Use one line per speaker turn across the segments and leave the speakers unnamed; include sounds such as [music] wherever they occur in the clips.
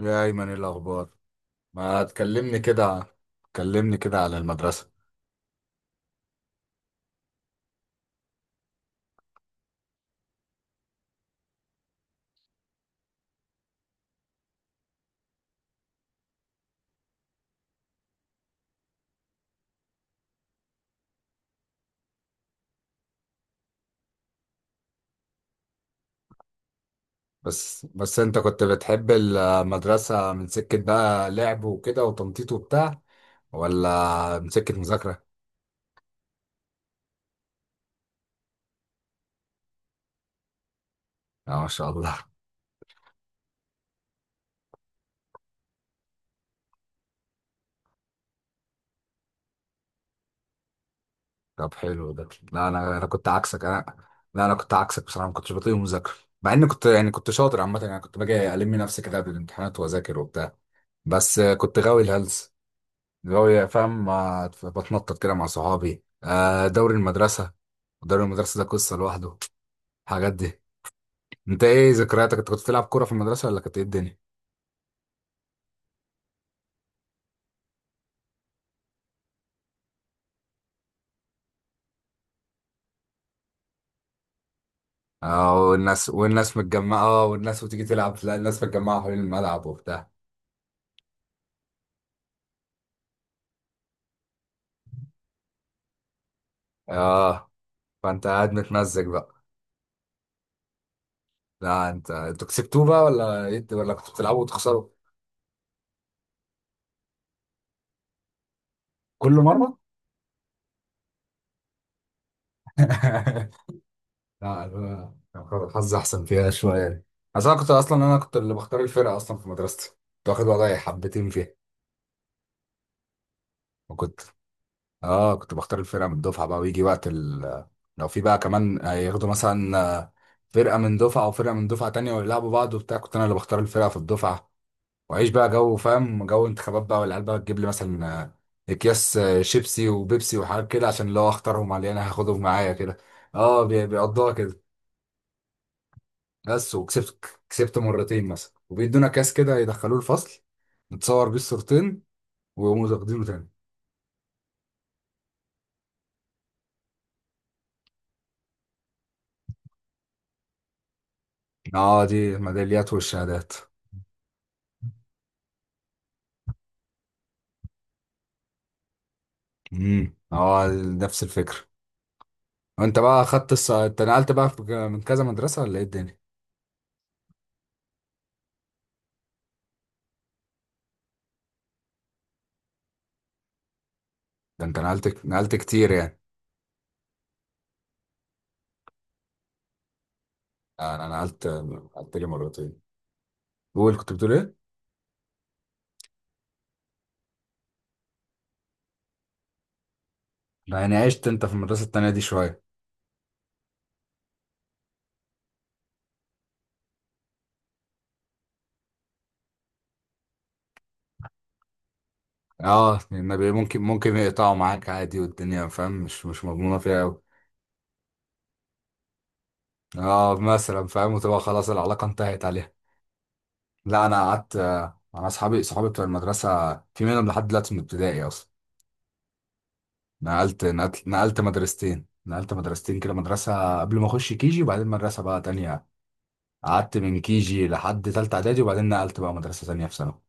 يا أيمن إيه الأخبار؟ ما تكلمني كده، تكلمني كده على المدرسة. بس أنت كنت بتحب المدرسة من سكة بقى لعب وكده وتنطيط وبتاع، ولا من سكة مذاكرة؟ آه ما شاء الله. طب حلو ده. لا أنا كنت عكسك. أنا لا أنا كنت عكسك بصراحة، ما كنتش بطيق مذاكرة. مع إني كنت يعني كنت شاطر عامة، يعني كنت باجي ألم نفسي كده قبل الامتحانات وأذاكر وبتاع، بس كنت غاوي الهلس. اللي هو يا فاهم بتنطط كده مع صحابي آه، دوري المدرسة. دوري المدرسة ده قصة لوحده. الحاجات دي، انت ايه ذكرياتك؟ انت كنت بتلعب كورة في المدرسة ولا كانت ايه الدنيا؟ اه، والناس متجمعة. اه والناس وتيجي تلعب. لا الناس متجمعة حوالين الملعب وبتاع. اه، فانت قاعد متمزج بقى. لا انت، انتوا كسبتوه بقى ولا ايه، ولا كنتوا بتلعبوا وتخسروا؟ كل مرة. [laughs] لا أنا كان حظي أحسن فيها شوية، عشان أنا كنت أصلا، أنا كنت اللي بختار الفرقة أصلا في مدرستي. كنت واخد وضعي حبتين فيها. وكنت آه، كنت بختار الفرقة من الدفعة بقى، لو في بقى كمان هياخدوا مثلا آه، فرقة من دفعة وفرقة من دفعة تانية ويلعبوا بعض وبتاع، كنت أنا اللي بختار الفرقة في الدفعة. وأعيش بقى جو فاهم، جو انتخابات بقى، والعيال بقى تجيب لي مثلا آه، أكياس آه، شيبسي وبيبسي وحاجات كده، عشان لو أختارهم على اللي أنا هاخدهم معايا كده. آه بيقضوها كده. بس وكسبت مرتين مثلا، وبيدونا كاس كده يدخلوه الفصل، نتصور بيه الصورتين ويقوموا واخدينه تاني. اه دي الميداليات والشهادات. اه نفس الفكرة. وانت بقى خدت انت من كذا مدرسة ولا ايه الدنيا؟ ده انت نقلت كتير يعني. آه، انا نقلت لي مرتين. قول، كنت بتقول ايه؟ يعني عشت انت في المدرسة التانية دي شوية. اه النبي، ممكن يقطعوا معاك عادي، والدنيا فاهم، مش مضمونة فيها قوي. اه مثلا فاهم، وتبقى خلاص العلاقة انتهت عليها. لا انا قعدت، انا صحابي بتوع المدرسه، في منهم لحد دلوقتي من ابتدائي اصلا. نقلت مدرستين كده، مدرسه قبل ما اخش كيجي، وبعدين مدرسه بقى تانية. قعدت من كيجي لحد تالتة اعدادي، وبعدين نقلت بقى مدرسه تانية في ثانوي.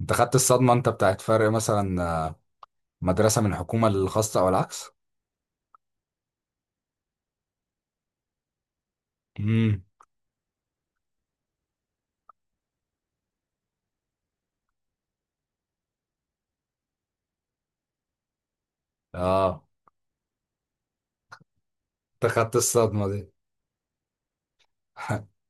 انت خدت الصدمه انت بتاعت فرق مثلا آه، مدرسه من حكومه للخاصه او العكس؟ امم اه، انت خدت الصدمه دي. [laughs]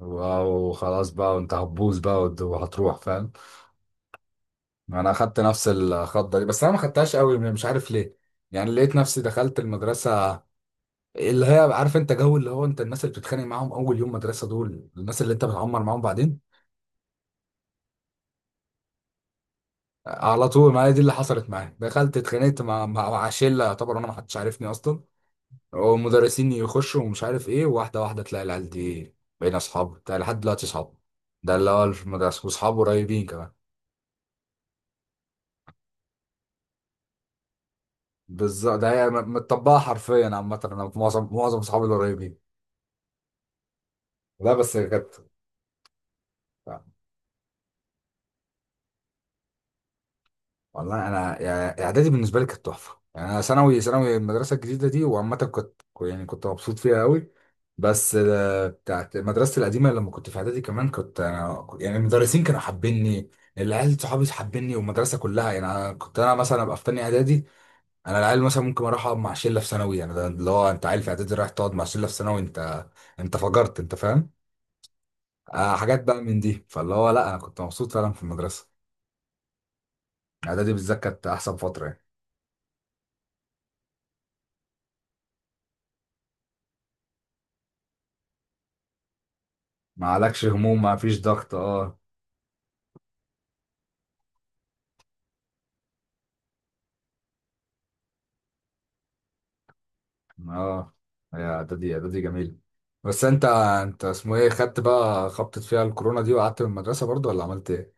واو خلاص بقى، وانت هتبوظ بقى وهتروح فاهم. انا اخدت نفس الخضه دي، بس انا ما خدتهاش قوي، مش عارف ليه. يعني لقيت نفسي دخلت المدرسه، اللي هي عارف انت جو، اللي هو انت الناس اللي بتتخانق معاهم اول يوم مدرسه، دول الناس اللي انت بتعمر معاهم بعدين. على طول، ما هي دي اللي حصلت معايا. دخلت اتخانقت مع مع شله، يعتبر انا ما حدش عارفني اصلا، ومدرسين يخشوا ومش عارف ايه، واحده واحده تلاقي العيال دي بقينا اصحاب بتاع لحد دلوقتي اصحاب. ده اللي هو في المدرسه، واصحابه قريبين كمان. بالظبط، ده هي مطبقه حرفيا. عامه انا معظم اصحابي القريبين. لا بس كانت، لا، والله انا يعني اعدادي بالنسبه لي كانت تحفه يعني. انا ثانوي المدرسه الجديده دي وعامه كنت يعني كنت مبسوط فيها قوي. بس آه، بتاعت مدرستي القديمه لما كنت في اعدادي كمان، كنت انا يعني المدرسين كانوا حابيني، العيال صحابي حابيني، والمدرسه كلها يعني. انا كنت انا مثلا ابقى في تاني اعدادي، انا العيال مثلا ممكن اروح اقعد مع شله في ثانوي. يعني ده اللي هو انت عيل في اعدادي رايح تقعد مع شله في ثانوي، انت انت فجرت انت فاهم. آه، حاجات بقى من دي، فاللي هو لا انا كنت مبسوط فعلا في المدرسه. اعدادي بالذات كانت احسن فتره يعني. ما عليكش هموم، ما فيش ضغط اه. اه يا اعدادي، اعدادي جميل. بس انت انت اسمه ايه، خدت بقى، خبطت فيها الكورونا دي وقعدت من المدرسه برضو، ولا عملت ايه؟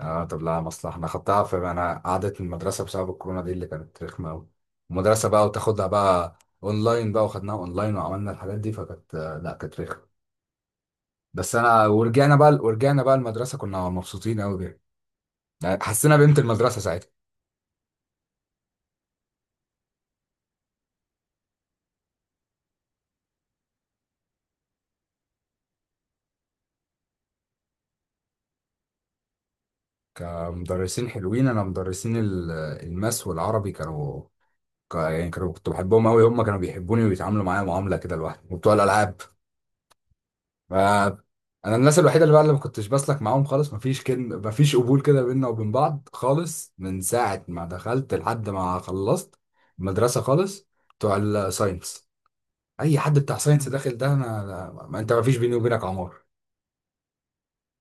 اه طب لا مصلحه، انا خدتها في، انا قعدت من المدرسه بسبب الكورونا دي اللي كانت رخمه قوي. المدرسه بقى وتاخدها بقى اونلاين بقى، وخدناها اونلاين وعملنا الحاجات دي، فكانت لا كانت رخمه. بس انا، ورجعنا بقى المدرسه كنا مبسوطين قوي بيها. يعني حسينا بقيمه المدرسه ساعتها. كمدرسين حلوين، انا مدرسين الماس والعربي كانوا يعني كنت بحبهم قوي، هم كانوا بيحبوني وبيتعاملوا معايا معامله كده لوحدي، وبتوع الالعاب. ف- انا الناس الوحيده اللي بقى اللي ما كنتش بسلك معاهم خالص، مفيش كلمه، مفيش قبول كده بيننا وبين بعض خالص، من ساعه ما دخلت لحد ما خلصت المدرسه خالص، بتوع الساينس. اي حد بتاع ساينس داخل ده، انا ما انت مفيش بيني وبينك عمار.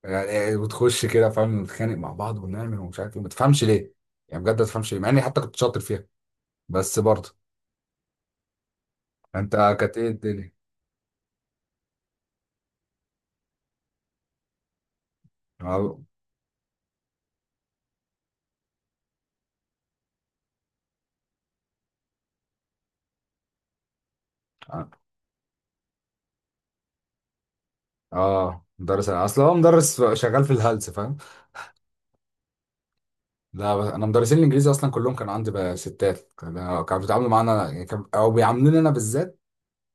يعني وتخش كده فاهم، نتخانق مع بعض ونعمل ومش عارف ايه، ما تفهمش ليه. يعني بجد ما تفهمش ليه، مع اني حتى كنت شاطر فيها، بس برضه. انت كانت ايه الدنيا؟ اه مدرس، اصل هو مدرس شغال في الهلس فاهم. لا انا مدرسين الانجليزي اصلا كلهم كانوا عندي بقى ستات، كانوا بيتعاملوا معانا يعني او بيعاملوني انا بالذات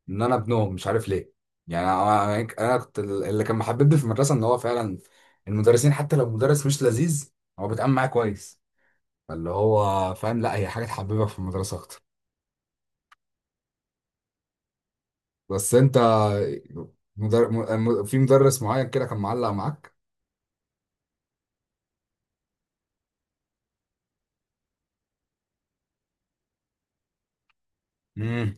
ان انا ابنهم، مش عارف ليه. يعني انا، كنت اللي كان محببني في المدرسه ان هو فعلا المدرسين حتى لو مدرس مش لذيذ، هو بيتعامل معايا كويس، فاللي هو فاهم، لا هي حاجه تحببك في المدرسه اكتر. بس انت مدر... في مدرس معين كده كان معلق معاك؟ امم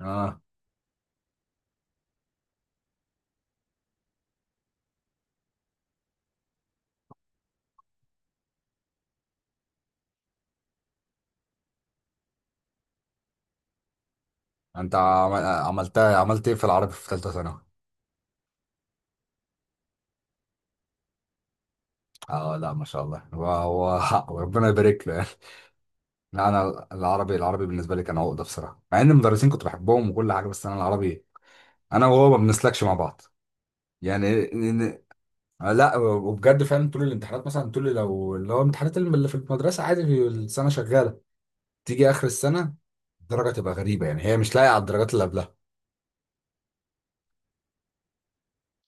اه. انت عملت عملت ايه في العربي في ثالثه ثانوي؟ اه لا ما شاء الله، هو [laughs] حق، ربنا يبارك له يعني. لا انا العربي، العربي بالنسبه لي كان عقده بصراحه، مع ان المدرسين كنت بحبهم وكل حاجه، بس انا العربي، انا وهو ما بنسلكش مع بعض يعني. ن- ن- لا وبجد فعلا طول الامتحانات مثلا، طول لو اللي هو امتحانات اللي في المدرسه عادي في السنه شغاله، تيجي اخر السنه الدرجه تبقى غريبه، يعني هي مش لايقه على الدرجات اللي قبلها.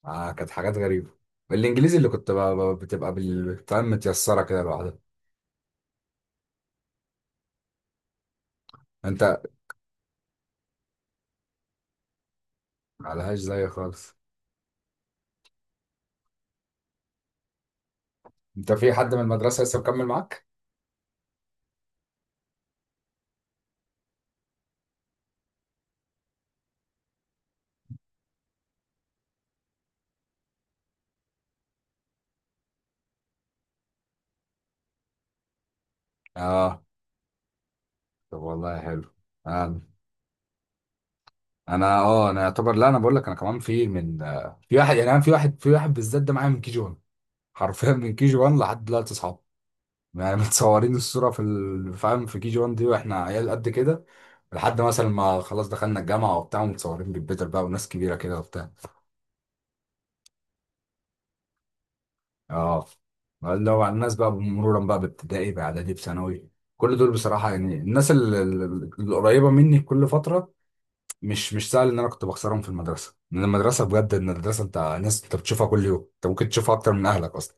آه كانت حاجات غريبه. الانجليزي اللي كنت بتبقى متيسره كده لوحدها. انت، ملهاش زي خالص. انت في حد من المدرسة لسه مكمل معاك؟ اه طب والله حلو. انا انا اه انا يعتبر، لا انا بقول لك انا كمان في من آه، في واحد يعني. انا في واحد، في واحد بالذات ده معايا من كي جي 1، حرفيا من كي جي 1 لحد دلوقتي اصحاب. يعني [laughs] متصورين الصورة فاهم، في كي جي 1 دي واحنا عيال قد كده، لحد مثلا ما خلاص دخلنا الجامعة وبتاع، ومتصورين بالبيتر بقى وناس كبيرة كده وبتاع. اه لو على الناس بقى، مرورا بقى بابتدائي باعدادي بثانوي، كل دول بصراحه يعني، الناس القريبه مني كل فتره، مش سهل ان انا كنت بخسرهم في المدرسه، لان المدرسه بجد، ان المدرسه انت ناس انت بتشوفها كل يوم، انت ممكن تشوفها اكتر من اهلك اصلا.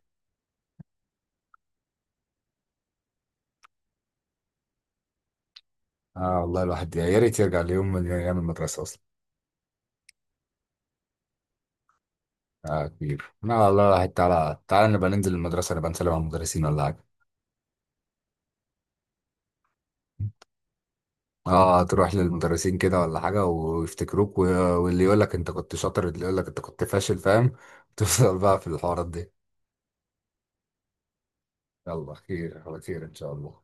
اه والله الواحد يا ريت يرجع ليوم من ايام المدرسه اصلا. اه كبير، لا والله الواحد تعالى تعالى نبقى ننزل المدرسه، نبقى نسلم على المدرسين ولا حاجه. اه تروح للمدرسين كده ولا حاجة ويفتكروك واللي يقول لك انت كنت شاطر، اللي يقول لك انت كنت فاشل فاهم، [laughs] تفضل بقى في الحوارات دي. يلا خير على خير ان شاء الله.